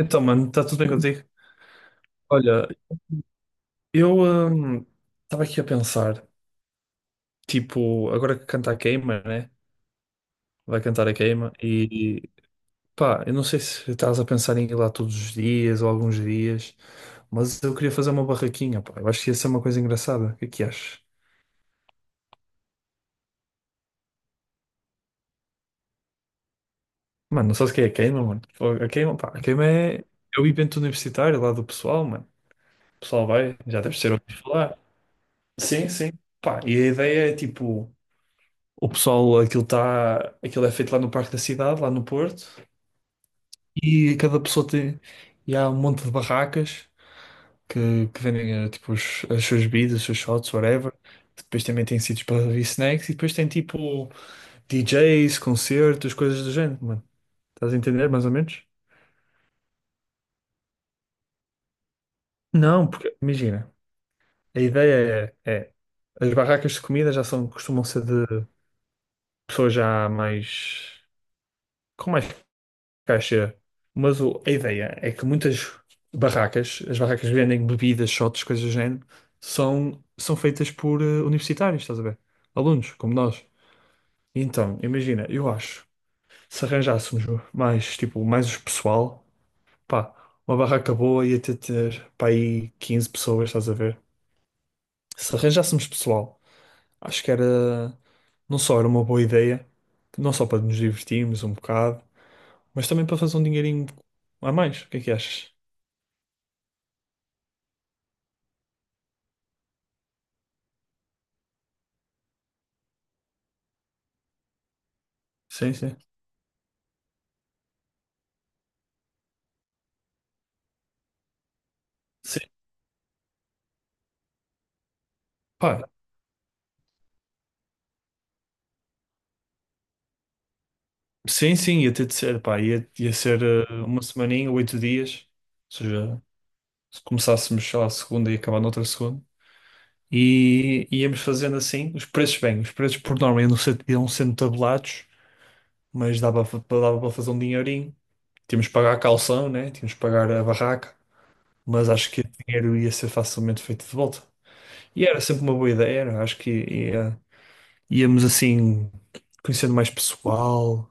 Então, mano, está tudo bem contigo? Olha, eu estava aqui a pensar, tipo, agora que canta a queima, né? Vai cantar a queima e pá, eu não sei se estás a pensar em ir lá todos os dias ou alguns dias, mas eu queria fazer uma barraquinha, pá. Eu acho que ia ser uma coisa engraçada. O que é que achas? Mano, não sabes o que é a queima, mano? A queima, pá, a queima é o evento universitário lá do pessoal, mano. O pessoal vai, já deves ter ouvido falar. Sim, sim. Pá, e a ideia é tipo. O pessoal, aquilo tá, aquilo é feito lá no Parque da Cidade, lá no Porto, e cada pessoa tem, e há um monte de barracas que vendem tipo, as suas bebidas, os seus shots, whatever. Depois também tem sítios para ver snacks e depois tem tipo DJs, concertos, coisas do género, mano. Estás a entender mais ou menos? Não, porque imagina, a ideia é as barracas de comida já são, costumam ser de pessoas já mais com mais caixa. Mas a ideia é que muitas barracas, as barracas que vendem bebidas, shots, coisas do género, são feitas por universitários, estás a ver? Alunos, como nós. Então, imagina, eu acho, se arranjássemos mais, tipo, mais os pessoal, pá, uma barraca boa ia ter pá, aí 15 pessoas, estás a ver? Se arranjássemos pessoal, acho que era, não só era uma boa ideia, não só para nos divertirmos um bocado, mas também para fazer um dinheirinho a mais. O que é que achas? Sim, sim. Sim, pá, sim, sim, ia ter de ser, pá, ia ser uma semaninha, 8 dias, ou seja, se começássemos, sei lá, segunda e acabar noutra segunda, e íamos fazendo assim, os preços bem, os preços por norma iam sendo tabelados, mas dava, dava para fazer um dinheirinho, tínhamos que pagar a calção, né, tínhamos que pagar a barraca, mas acho que o dinheiro ia ser facilmente feito de volta, e era sempre uma boa ideia, era, acho que íamos assim, conhecendo mais pessoal.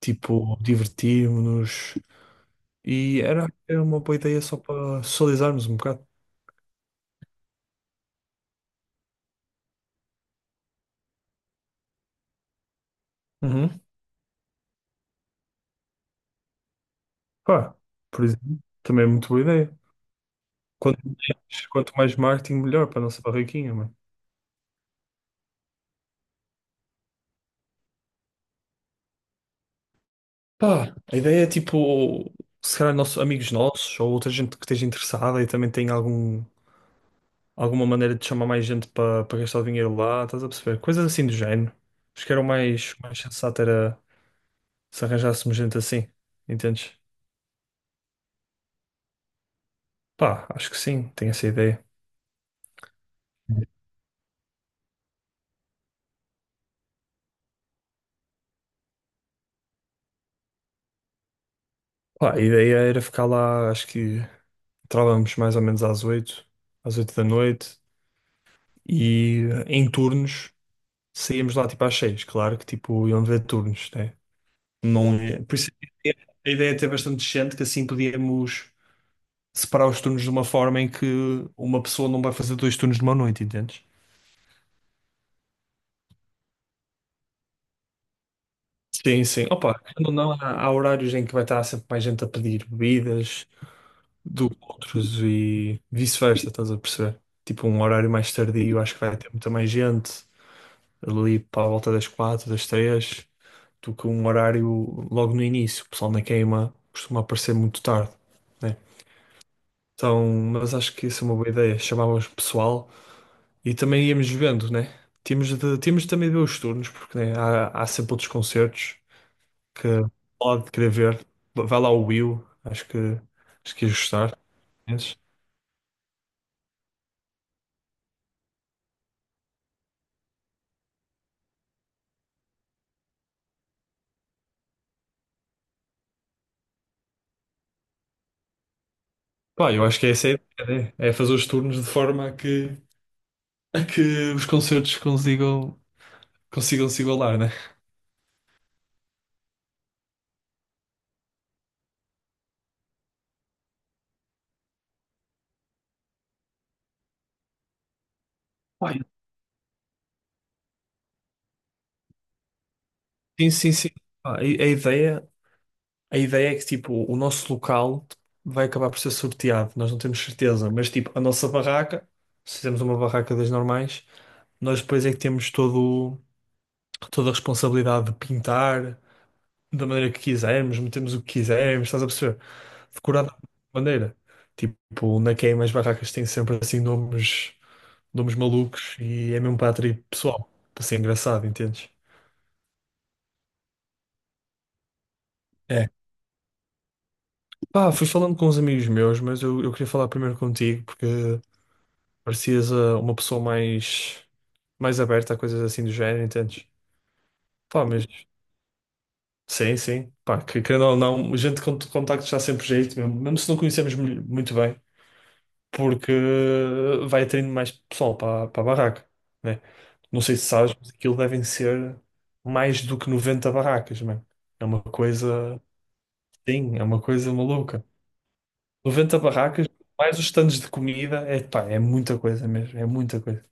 Tipo, divertirmos-nos. E era uma boa ideia só para socializarmos um bocado. Uhum. Pá, por exemplo, também é muito boa ideia. Quanto mais marketing, melhor para a nossa barraquinha, mano. Pá, a ideia é tipo, se calhar nossos, amigos nossos ou outra gente que esteja interessada e também tem algum, alguma maneira de chamar mais gente para gastar o dinheiro lá, estás a perceber? Coisas assim do género. Acho que era o mais sensato era se arranjássemos gente assim, entendes? Pá, acho que sim, tenho essa ideia. Pá, a ideia era ficar lá, acho que entrávamos mais ou menos às oito da noite e, em turnos, saíamos lá tipo às seis. Claro que tipo iam haver turnos, né? Não ia- Por isso a ideia é ter bastante gente que assim podíamos separar os turnos de uma forma em que uma pessoa não vai fazer dois turnos numa noite, entendes? Sim, sim. Opa, querendo ou não, há horários em que vai estar sempre mais gente a pedir bebidas do que outros e vice-versa, estás a perceber? Tipo, um horário mais tardio, acho que vai ter muita mais gente ali para a volta das quatro, das três, do que um horário logo no início. O pessoal na queima costuma aparecer muito tarde, né? Então, mas acho que isso é uma boa ideia. Chamávamos o pessoal e também íamos vendo, né? Tínhamos de também ver os turnos, porque né, há sempre outros concertos que pode querer ver. Vai lá o Will, acho que ia gostar. Mas, pá, eu acho que essa é essa a ideia, né? É fazer os turnos de forma a que os concertos consigam se igualar, né? Pá, sim, sim, sim. Ah, A, a ideia, a ideia é que tipo, o nosso local vai acabar por ser sorteado, nós não temos certeza, mas tipo, a nossa barraca, se temos uma barraca das normais, nós depois é que temos toda a responsabilidade de pintar da maneira que quisermos, metemos o que quisermos, estás a perceber? Decorar da maneira. Tipo, na queima as barracas têm sempre assim nomes malucos e é mesmo para atrair pessoal, para ser engraçado, entendes? É. Pá, fui falando com uns amigos meus, mas eu queria falar primeiro contigo porque parecias uma pessoa mais aberta a coisas assim do género, entendes? Pá, mas sim, sim. Pá, que querendo ou não, gente com contacto está sempre jeito, mesmo se não conhecemos muito bem, porque vai atraindo mais pessoal para a barraca, né? Não sei se sabes, mas aquilo devem ser mais do que 90 barracas, mano. É uma coisa, sim, é uma coisa maluca. 90 barracas, mais os stands de comida, é, pá, é muita coisa mesmo, é muita coisa.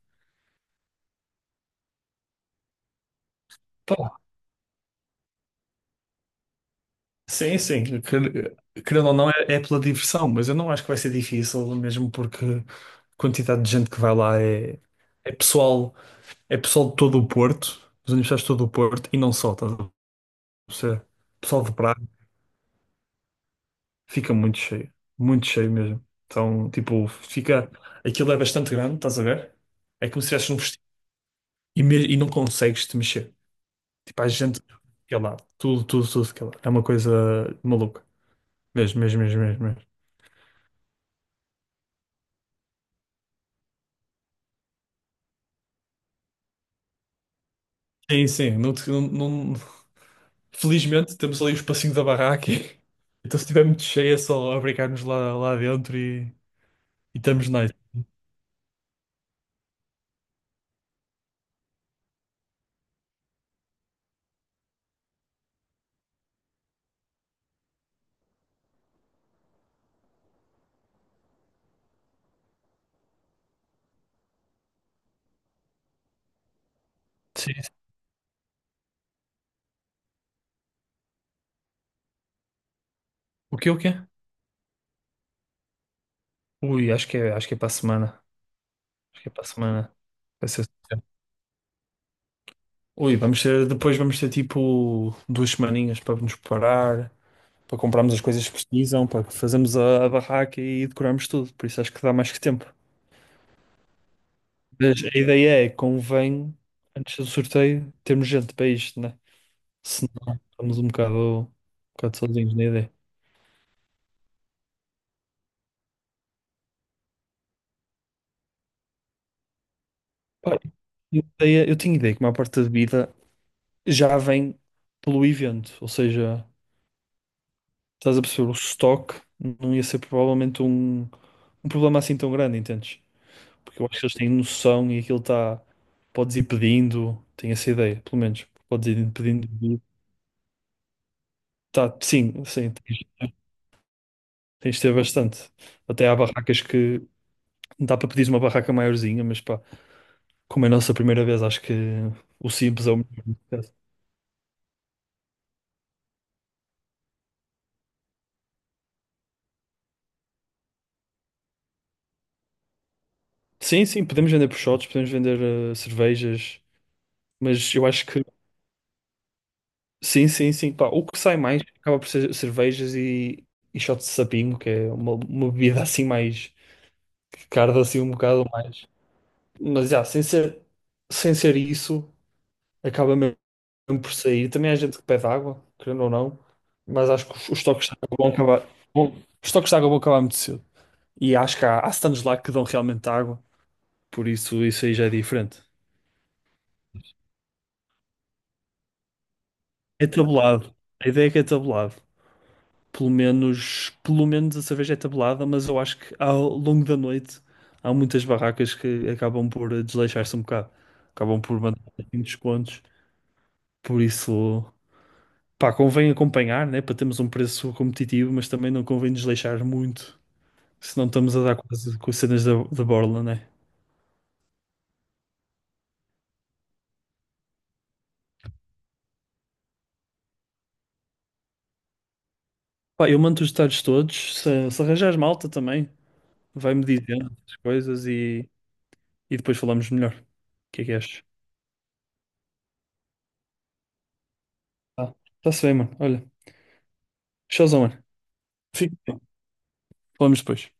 Pá, sim, sim, querendo ou não, é pela diversão, mas eu não acho que vai ser difícil, mesmo porque a quantidade de gente que vai lá é é pessoal de todo o Porto, dos universitários de todo o Porto, e não só, estás a perceber? Pessoal de Braga fica muito cheio mesmo. Então, tipo, fica, aquilo é bastante grande, estás a ver? É como se estivesse num vestido e, e não consegues te mexer. Tipo, há gente de cada lado. Tudo, tudo, tudo de cada lado. É uma coisa maluca. Mesmo, mesmo, mesmo, mesmo, mesmo. Sim, sim. Não, te- não- não- Felizmente temos ali o espacinho da barraca. Então, se estiver muito cheio, é só abrigar-nos lá, lá dentro e estamos nice. Sim. O que, o quê? Ui, acho que é para a semana. Acho que é para a semana. Vai ser assim. Ui, depois vamos ter tipo duas semaninhas para nos preparar, para comprarmos as coisas que precisam, para fazermos a barraca e decorarmos tudo. Por isso acho que dá mais que tempo. Mas a ideia é, convém, antes do sorteio, termos gente para isto, né? Senão estamos um bocado sozinhos na ideia. Pá, eu tinha ideia que uma parte da bebida já vem pelo evento, ou seja, estás a perceber, o estoque não ia ser provavelmente um problema assim tão grande, entendes? Porque eu acho que eles têm noção e aquilo está. Podes ir pedindo, tenho essa ideia, pelo menos. Podes ir pedindo. Tá, sim, sim, tens de ter bastante. Até há barracas que. Dá para pedir uma barraca maiorzinha, mas pá, como é a nossa primeira vez, acho que o simples é o melhor neste caso. Sim, sim, podemos vender proshotes, podemos vender cervejas, mas eu acho que sim, sim, sim, pá, o que sai mais acaba por ser cervejas e shots de sapinho, que é uma bebida assim mais que carda assim um bocado mais. Mas já, sem ser isso, acaba mesmo por sair. Também há gente que pede água, querendo ou não, mas acho que os toques de água vão acabar. Os toques de água vão acabar muito cedo. E acho que há stands lá que dão realmente água, por isso isso aí já é diferente. É tabulado. A ideia é que é tabulado. Pelo menos a cerveja é tabulada, mas eu acho que ao longo da noite há muitas barracas que acabam por desleixar-se um bocado. Acabam por mandar assim descontos. Por isso, pá, convém acompanhar, né? Para termos um preço competitivo, mas também não convém desleixar muito, senão estamos a dar quase com as cenas da borla, né? Pá, eu mando os detalhes todos. Se arranjares malta também, vai-me dizendo as coisas e depois falamos melhor. O que é que achas? Tá. Tá-se bem, mano. Olha, showzão, mano. Fica bem. Falamos depois.